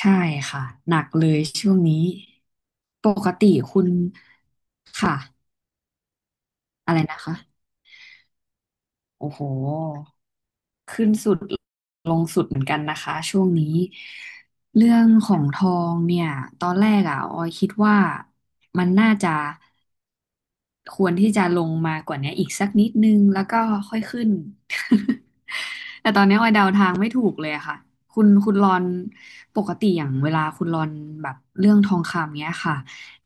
ใช่ค่ะหนักเลยช่วงนี้ปกติคุณค่ะอะไรนะคะโอ้โหขึ้นสุดลงสุดเหมือนกันนะคะช่วงนี้เรื่องของทองเนี่ยตอนแรกอ่ะออยคิดว่ามันน่าจะ ควรที่จะลงมากว่านี้อีกสักนิดนึงแล้วก็ค่อยขึ้น แต่ตอนนี้ออยเดาทางไม่ถูกเลยอะค่ะ คุณรอนปกติอย่างเวลาคุณรอนแบบเรื่องทองคำเนี้ยค่ะ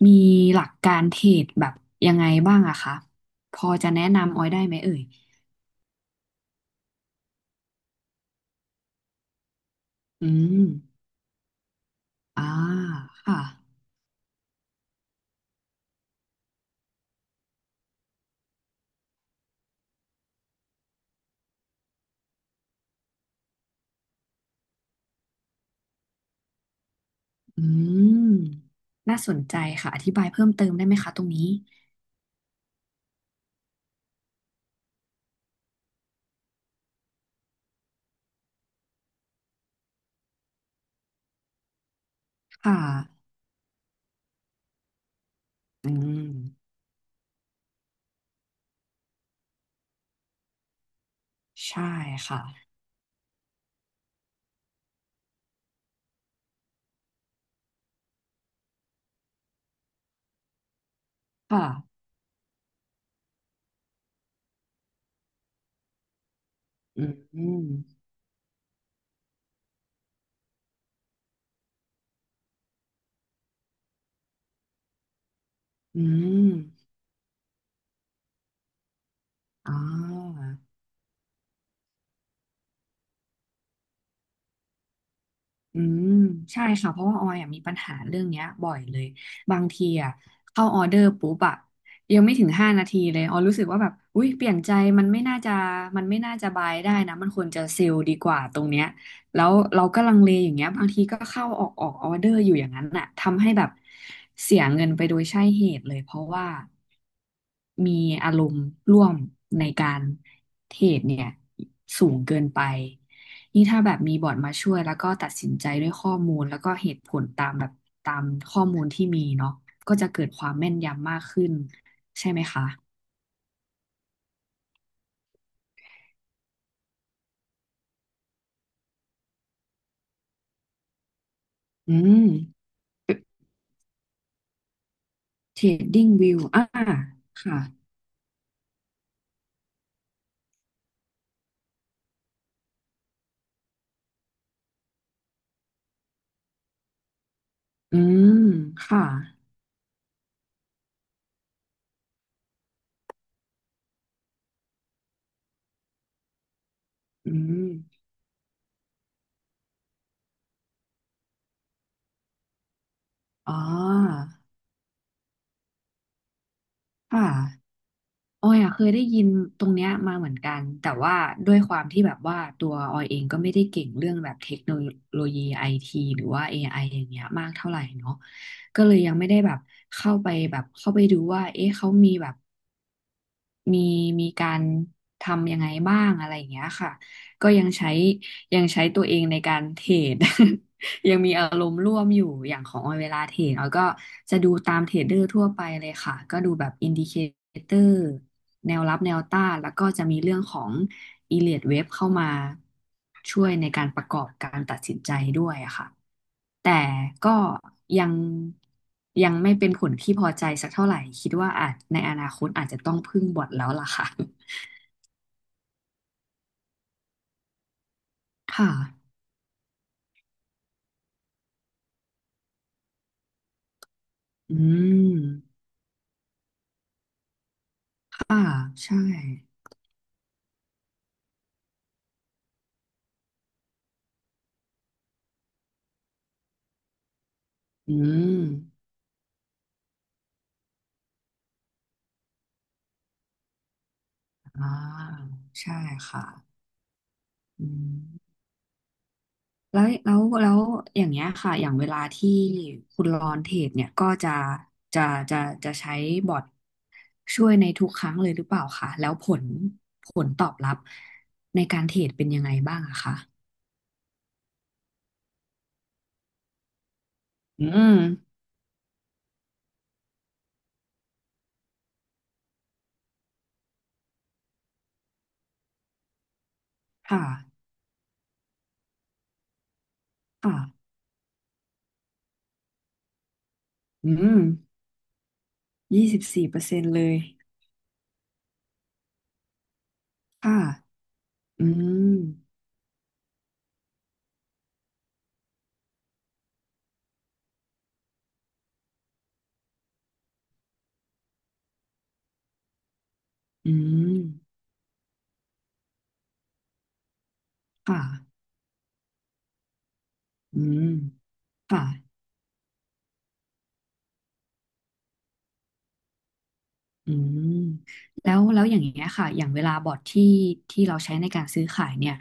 มีหลักการเทรดแบบยังไงบ้างอะคะ พอจะแนะนำออยได้ไหมเอ่ยอืมอ่าค่ะอืม น่าสนใจค่ะ อธิบายเพิ่มเติมได้ไหมคะตรงนี้ค่ะอืมใช่ค่ะค่ะอืม อืมอ๋ออืมใช่ค่ะเพราะว่าออยอะมีปัญหาเรื่องเนี้ยบ่อยเลยบางทีอ่ะเข้าออเดอร์ปุ๊บอ่ะยังไม่ถึงห้านาทีเลยออยรู้สึกว่าแบบอุ๊ยเปลี่ยนใจ มันไม่น่าจะมันไม่น่าจะบายได้นะมันควรจะเซลล์ดีกว่าตรงเนี้ยแล้วเราก็ลังเลอย่างเงี้ยบางทีก็เข้าออกออเดอร์อยู่อย่างนั้นอ่ะทำให้แบบเสียเงินไปโดยใช่เหตุเลยเพราะว่ามีอารมณ์ร่วมในการเทรดเนี่ยสูงเกินไป นี่ถ้าแบบมีบอร์ดมาช่วยแล้วก็ตัดสินใจด้วยข้อมูลแล้วก็เหตุผลตามแบบตามข้อมูลที่มีเนาะก็จะเกิดความแม่นยำมากขึ้นใช่ไหมคะอืมเทรดดิ้งวิวอ่าค่ะอืมค่ะอืมอ๋อค่ะ ออยอะเคยได้ยินตรงเนี้ยมาเหมือนกันแต่ว่าด้วยความที่แบบว่าตัวออยเองก็ไม่ได้เก่งเรื่องแบบเทคโนโลยีไอทีหรือว่า AI อไออย่างเงี้ยมากเท่าไหร่เนาะก็เลยยังไม่ได้แบบเข้าไปดูว่าเอ๊ะเขามีแบบ มีมีการทำยังไงบ้างอะไรอย่างเงี้ยค่ะก็ยังใช้ตัวเองในการเทรด ยังมีอารมณ์ร่วมอยู่อย่างของออยเวลาเทรดออยก็จะดูตามเทรดเดอร์ทั่วไปเลยค่ะก็ดูแบบอินดิเคเตอร์แนวรับแนวต้านแล้วก็จะมีเรื่องของ อีเลียดเว็บเข้ามาช่วยในการประกอบการตัดสินใจด้วยอะค่ะแต่ก็ยังไม่เป็นผลที่พอใจสักเท่าไหร่คิดว่าอาจในอนาคตอาจจะต้องพึ่งบอทแล้วล่ะค่ะ ค่ะอืมค่ะใช่อืมอ่าใช่ค่ะอืม แล้วอย่างเงี้ยค่ะอย่างเวลาที่คุณรอนเทรดเนี่ยก็จะจะจะจะใช้บอทช่วยในทุกครั้งเลยหรือเปล่าคะแล้วผลตอบรับในการเทรดเป็นยังไงบ้างอะคะอืมค่ะค่ะอืมยี่สิบสี่เปอร์เซ็นต์เลยค่ะอืมอืมค่ะอืมค่ะ อืมแล้วอย่างเงี้ยค่ะอย่างเวลาบอทที่เราใช้ในการซื้อขายเนี่ย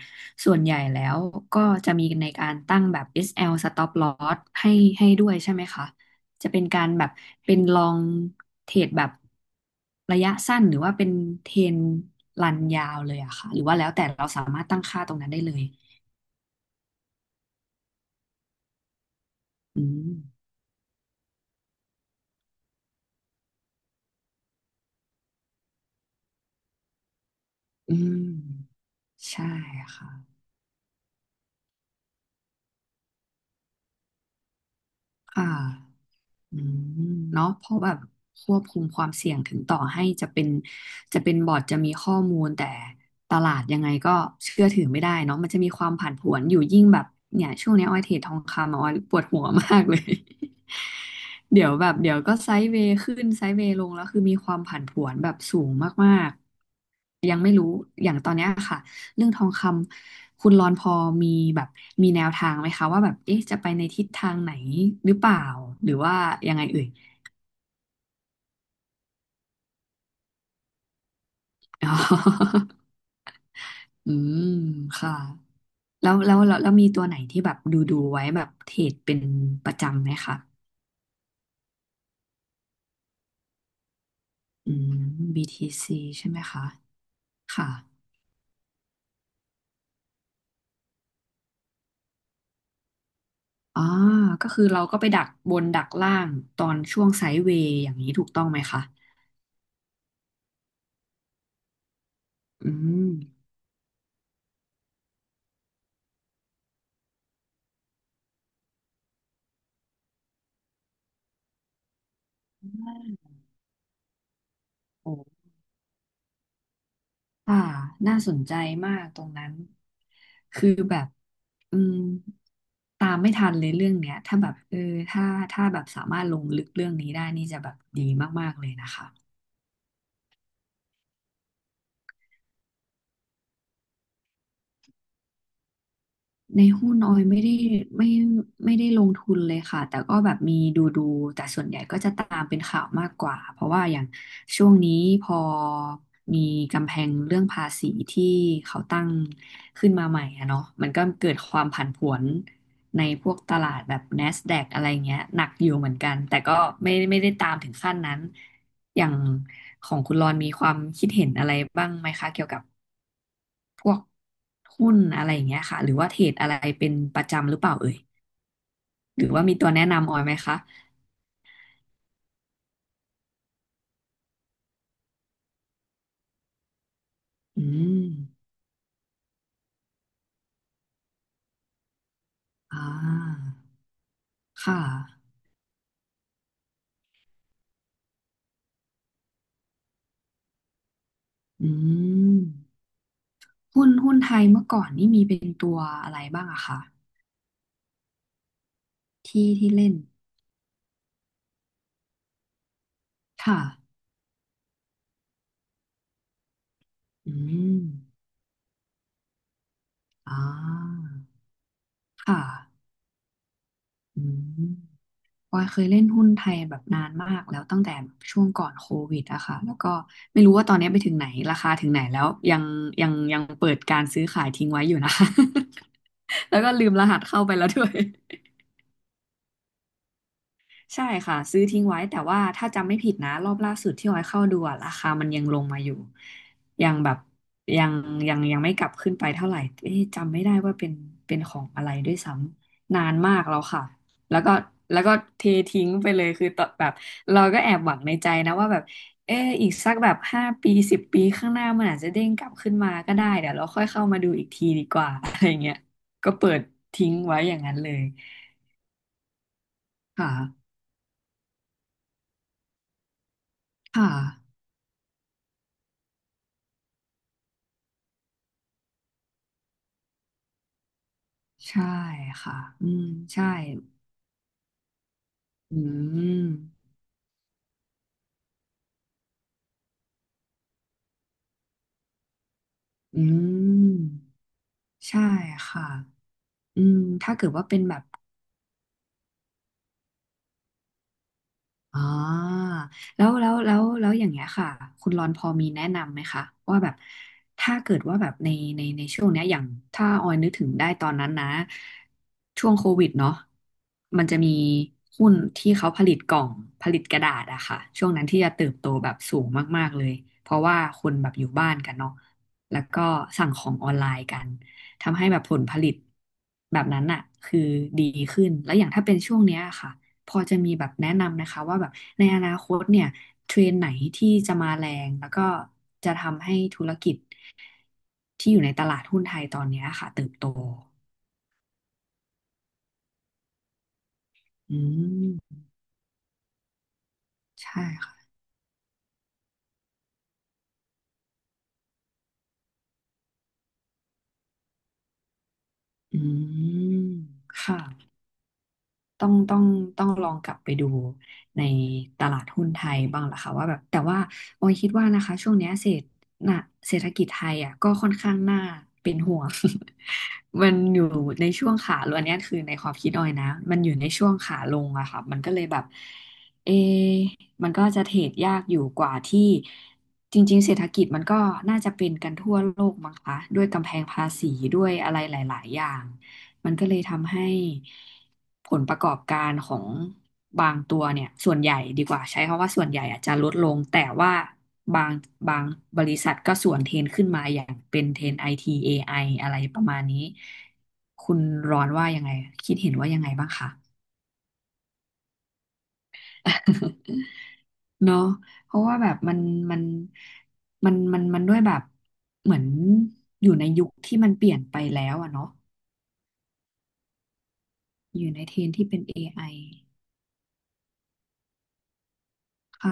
ส่วนใหญ่แล้วก็จะมีในการตั้งแบบ SL Stop Loss ให้ด้วยใช่ไหมคะจะเป็นการแบบเป็นลองเทรดแบบระยะสั้นหรือว่าเป็นเทรนรันยาวเลยอะค่ะหรือว่าแล้วแต่เราสามารถตั้งค่าตรงนั้นได้เลยอืมอืมใช่ค่ะค่ะ อืมเนาะเพราะแบบควบคุมความเสี่ยงถึงต่อให้จะเป็นบอร์ดจะมีข้อมูลแต่ตลาดยังไงก็เชื่อถือไม่ได้เนาะมันจะมีความผันผวนอยู่ยิ่งแบบเนี่ยช่วงนี้ออยเทรดทองคำอะออยปวดหัวมากเลย เดี๋ยวแบบเดี๋ยวก็ไซด์เวย์ขึ้นไซด์เวย์ลงแล้วคือมีความผันผวนแบบสูงมากๆยังไม่รู้อย่างตอนเนี้ยค่ะ เรื่องทองคำคุณรอนพอมีแบบมีแนวทางไหมคะว่าแบบเอ๊ะจะไปในทิศทางไหนหรือเปล่าหรือว่ายังไงเอ่ย อ๋อ อืมค่ะแล้วมีตัวไหนที่แบบดูไว้แบบเทรดเป็นประจำไหมคะอืม BTC ใช่ไหมคะค่ะอ๋อก็คือเราก็ไปดักบนดักล่างตอนช่วงไซด์เวย์อย่างนี้ถูกต้องไหมคะอืมโอ้ อ่าน่าสนใจมากตรงนั้น คือแบบอืมตามไม่ทันเลยเรื่องเนี้ยถ้าแบบเออถ้าถ้าแบบสามารถลงลึกเรื่องนี้ได้ นี่จะแบบดีมากๆเลยนะคะ ในหุ้นออยไม่ได้ไม่ไม่ได้ลงทุนเลยค่ะแต่ก็แบบมีดูแต่ส่วนใหญ่ก็จะตามเป็นข่าวมากกว่าเพราะว่าอย่างช่วงนี้พอมีกำแพงเรื่องภาษีที่เขาตั้งขึ้นมาใหม่อะเนาะมันก็เกิดความผันผวนในพวกตลาดแบบ NASDAQ อะไรเงี้ยหนักอยู่เหมือนกันแต่ก็ไม่ได้ตามถึงขั้นนั้นอย่างของคุณรอนมีความคิดเห็นอะไรบ้างไหมคะเกี่ยวกับ พวกหุ้นอะไรอย่างเงี้ยค่ะหรือว่าเทรดอะไรเป็นประจำหรือเปล่าเอ่ยหรือว่ามีตัวแนะนำออยไหมคะอืมอ่าค่ะอืมหุ้นไทยเมื่อก่อนนี่มีเป็นตัวอะไรบ้างอะคะที่เล่นค่ะอืมอ่าค่ะอืม ปอยเคยเล่นหุ้นไทยแบบนานมากแล้วตั้งแต่ช่วงก่อนโควิดอะค่ะแล้วก็ไม่รู้ว่าตอนนี้ไปถึงไหนราคาถึงไหนแล้วยังเปิดการซื้อขายทิ้งไว้อยู่นะ แล้วก็ลืมรหัสเข้าไปแล้วด้วย ใช่ค่ะซื้อทิ้งไว้แต่ว่าถ้าจำไม่ผิดนะรอบล่าสุดที่ออยเข้าดูอะราคามันยังลงมาอยู่ยังแบบยังยังไม่กลับขึ้นไปเท่าไหร่เอ๊ะจำไม่ได้ว่าเป็นของอะไรด้วยซ้ำนานมากแล้วค่ะแล้วก็แล้วก็เททิ้งไปเลยคือตอนแบบเราก็แอบหวังในใจนะว่าแบบเอออีกสักแบบห้าปีสิบปีข้างหน้ามันอาจจะเด้งกลับขึ้นมาก็ได้เดี๋ยวเราค่อยเข้ามาดูอีกทีดีกว่า อะไรเงี้ยก็เปิดทิ้งไว้อย่างนั้นเลยค่ะค่ะ ใช่ค่ะ อืม ใช่ อืม อืม ใช่ค่ะ อืม ถ้าเกิดว่าเป็นแบบ อ๋อแล้วอย่างเงี้ยค่ะคุณรอนพอมีแนะนำไหมคะว่าแบบถ้าเกิดว่าแบบในในช่วงเนี้ยอย่างถ้าออยนึกถึงได้ตอนนั้นนะช่วงโควิดเนาะมันจะมีหุ้นที่เขาผลิตกล่องผลิตกระดาษอะค่ะช่วงนั้นที่จะเติบโตแบบสูงมากๆเลยเพราะว่าคนแบบอยู่บ้านกันเนาะแล้วก็สั่งของออนไลน์กันทำให้แบบผลผลิตแบบนั้นอะคือดีขึ้นแล้วอย่างถ้าเป็นช่วงเนี้ยค่ะ พอจะมีแบบแนะนำนะคะว่าแบบในอนาคตเนี่ยเทรนด์ไหนที่จะมาแรงแล้วก็จะทำให้ธุรกิจที่อยู่ในตลาดหุ้นไทยตอนเนี้ยค่ะเติบโตอืมใช่ค่ะอืมค่ะ ต้องต้องต้องลองกลับไปดูในตลาดหุ้นไทยบ้างล่ะค่ะว่าแบบแต่ว่าออยคิดว่านะคะช่วงเนี้ยเศรษฐน่ะเศรษฐกิจไทยอ่ะก็ค่อนข้างน่าเป็นห่วง มันอยู่ในช่วงขาลงอันเนี้ยคือในความคิดออยนะมันอยู่ในช่วงขาลงอะค่ะมันก็เลยแบบเอะมันก็จะเทรดยากอยู่กว่าที่จริงๆเศรษฐกิจมันก็น่าจะเป็นกันทั่วโลกมั้งคะด้วยกำแพงภาษีด้วยอะไรหลายๆอย่าง มันก็เลยทำให้ผลประกอบการของบางตัวเนี่ยส่วนใหญ่ดีกว่าใช้คำว่าส่วนใหญ่อาจจะลดลงแต่ว่าบางบางบริษัทก็สวนเทรนขึ้นมาอย่างเป็นเทรนไอทีเอไออะไรประมาณนี้คุณร้อนว่ายังไงคิดเห็นว่ายังไงบ้างคะ เนาะเพราะว่าแบบมันมันด้วยแบบเหมือนอยู่ในยุคที่มันเปลี่ยนไปแล้วอะเนาะอยู่ในเทรนที่เป็นเอไอค่ะ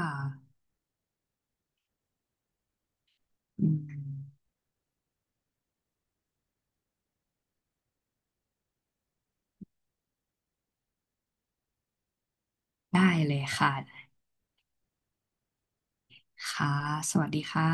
อืมได้เลยค่ะค่ะ สวัสดีค่ะ